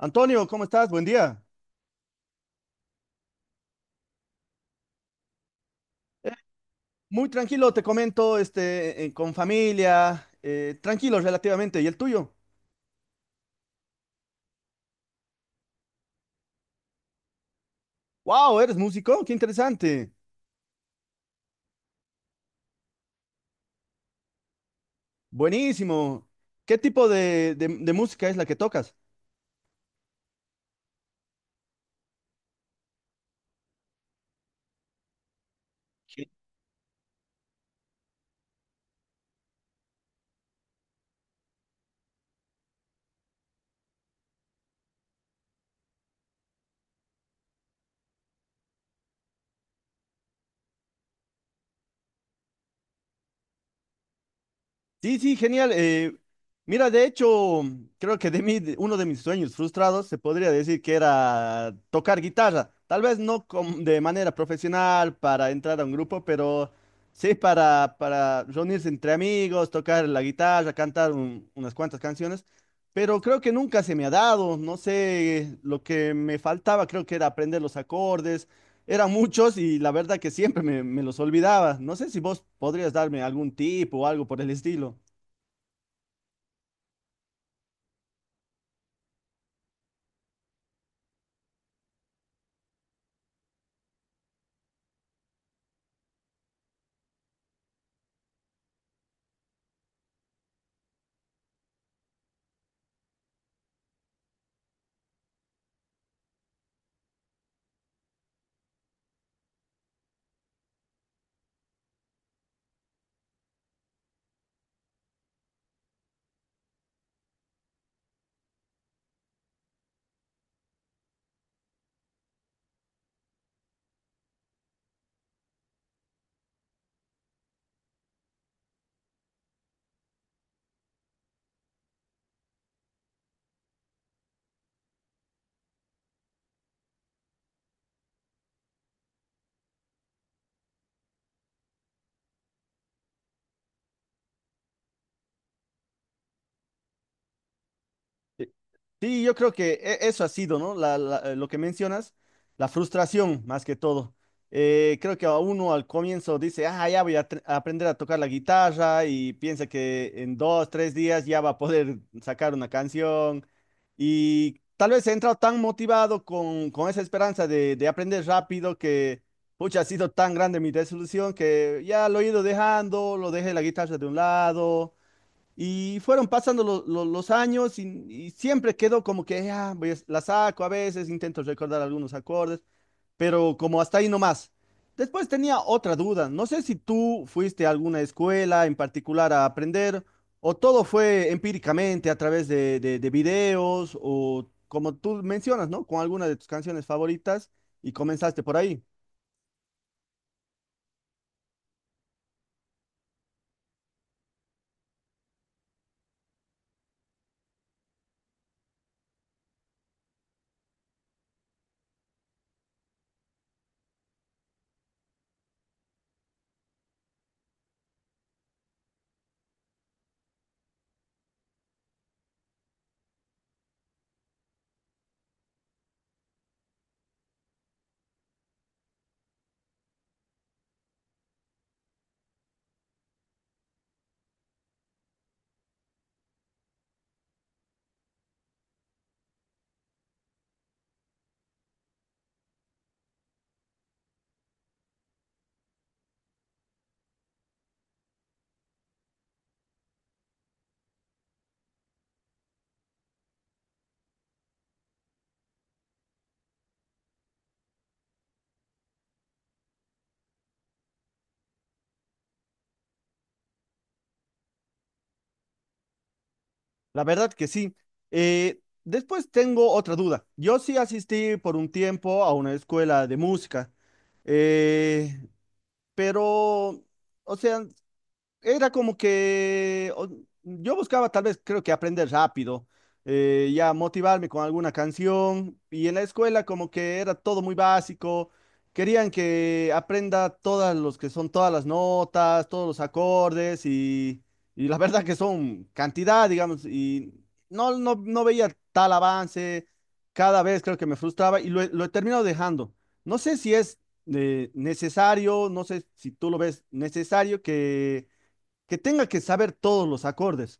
Antonio, ¿cómo estás? Buen día. Eh, muy tranquilo, te comento, con familia, tranquilo relativamente. ¿Y el tuyo? ¡Wow! ¿Eres músico? ¡Qué interesante! Buenísimo. ¿Qué tipo de música es la que tocas? Sí, sí, genial. Mira, de hecho, creo que uno de mis sueños frustrados se podría decir que era tocar guitarra. Tal vez no de manera profesional para entrar a un grupo, pero sí para reunirse entre amigos, tocar la guitarra, cantar unas cuantas canciones. Pero creo que nunca se me ha dado. No sé, lo que me faltaba creo que era aprender los acordes. Eran muchos y la verdad que siempre me los olvidaba. No sé si vos podrías darme algún tip o algo por el estilo. Eh, Sí, yo creo que eso ha sido, ¿no? Lo que mencionas, la frustración más que todo. Creo que a uno al comienzo dice, ah, ya voy a aprender a tocar la guitarra y piensa que en 2, 3 días ya va a poder sacar una canción. Y tal vez he entrado tan motivado con esa esperanza de aprender rápido que, pucha, ha sido tan grande mi desilusión que ya lo he ido dejando, lo dejé la guitarra de un lado. Y fueron pasando los años y siempre quedó como que ah, la saco a veces, intento recordar algunos acordes, pero como hasta ahí nomás. Después tenía otra duda, no sé si tú fuiste a alguna escuela en particular a aprender o todo fue empíricamente a través de videos o como tú mencionas, ¿no? Con alguna de tus canciones favoritas y comenzaste por ahí. La verdad que sí. Después tengo otra duda. Yo sí asistí por un tiempo a una escuela de música, eh, pero, o sea, era como que yo buscaba tal vez, creo que aprender rápido, ya motivarme con alguna canción y en la escuela como que era todo muy básico, querían que aprenda todas los que son todas las notas, todos los acordes y la verdad que son cantidad, digamos, y no veía tal avance, cada vez creo que me frustraba y lo he terminado dejando. No sé si es necesario, no sé si tú lo ves necesario que tenga que saber todos los acordes.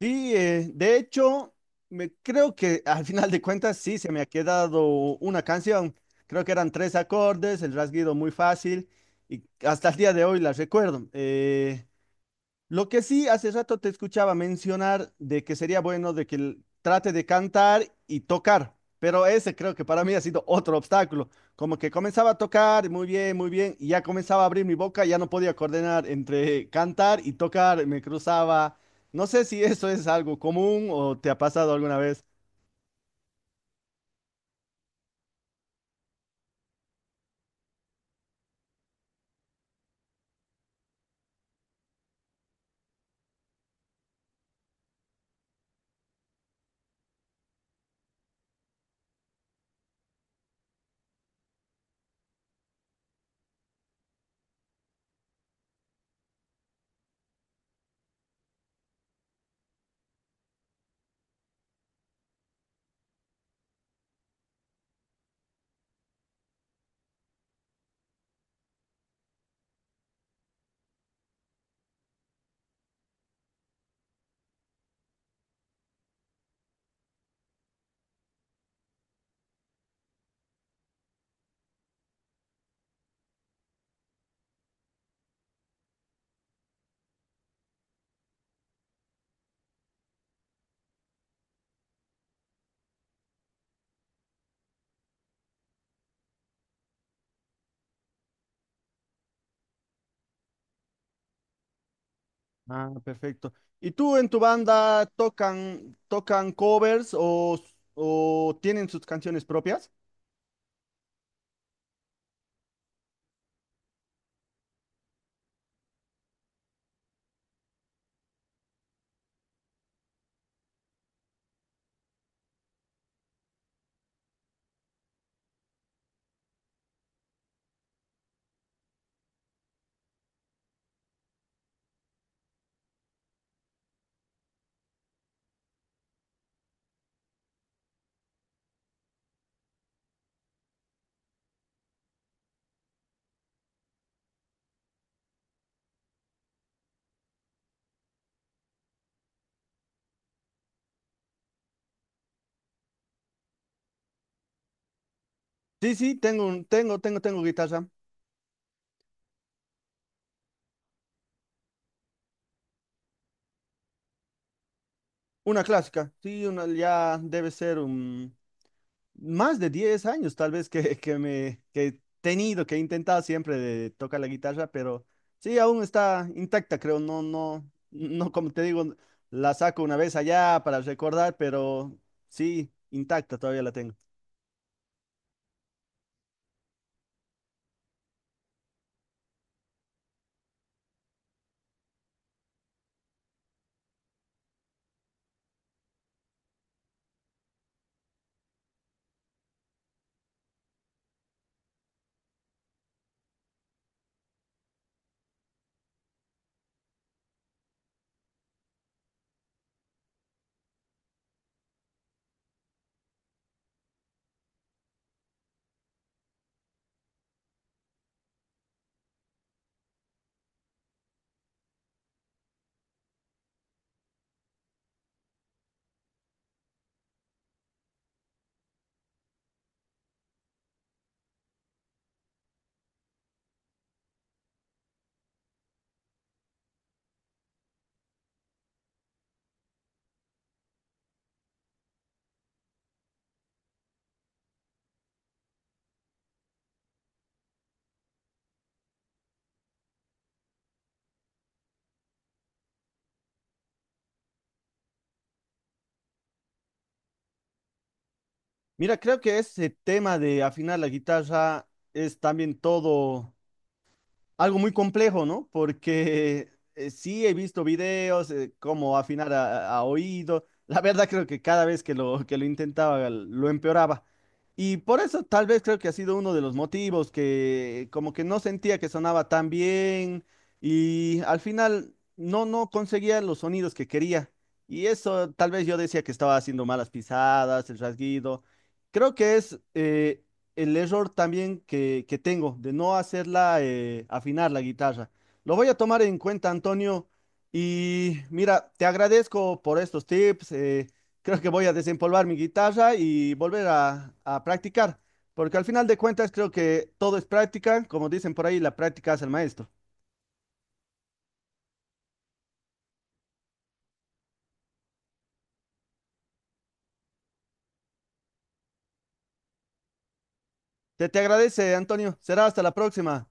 Sí, de hecho, creo que al final de cuentas sí se me ha quedado una canción. Creo que eran tres acordes, el rasguido muy fácil y hasta el día de hoy la recuerdo. Lo que sí, hace rato te escuchaba mencionar de que sería bueno de que él trate de cantar y tocar, pero ese creo que para mí ha sido otro obstáculo. Como que comenzaba a tocar muy bien, y ya comenzaba a abrir mi boca, ya no podía coordinar entre cantar y tocar, me cruzaba. No sé si eso es algo común o te ha pasado alguna vez. Ah, perfecto. ¿Y tú en tu banda tocan covers o tienen sus canciones propias? Sí, sí, tengo, un- tengo, tengo, tengo guitarra. Una clásica, sí, una, ya debe ser más de 10 años tal vez que me que he tenido, que he intentado siempre de tocar la guitarra, pero sí, aún está intacta, creo, no, no, no, como te digo, la saco una vez allá para recordar, pero sí, intacta todavía la tengo. Mira, creo que ese tema de afinar la guitarra es también todo algo muy complejo, ¿no? Porque sí he visto videos, cómo afinar a oído. La verdad creo que cada vez que lo intentaba lo empeoraba. Y por eso tal vez creo que ha sido uno de los motivos que como que no sentía que sonaba tan bien y al final no, no conseguía los sonidos que quería. Y eso tal vez yo decía que estaba haciendo malas pisadas, el rasguido. Creo que es el error también que tengo de no hacerla afinar la guitarra. Lo voy a tomar en cuenta, Antonio. Y mira, te agradezco por estos tips. Creo que voy a desempolvar mi guitarra y volver a practicar, porque al final de cuentas creo que todo es práctica. Como dicen por ahí, la práctica hace el maestro. Te agradece, Antonio. Será hasta la próxima.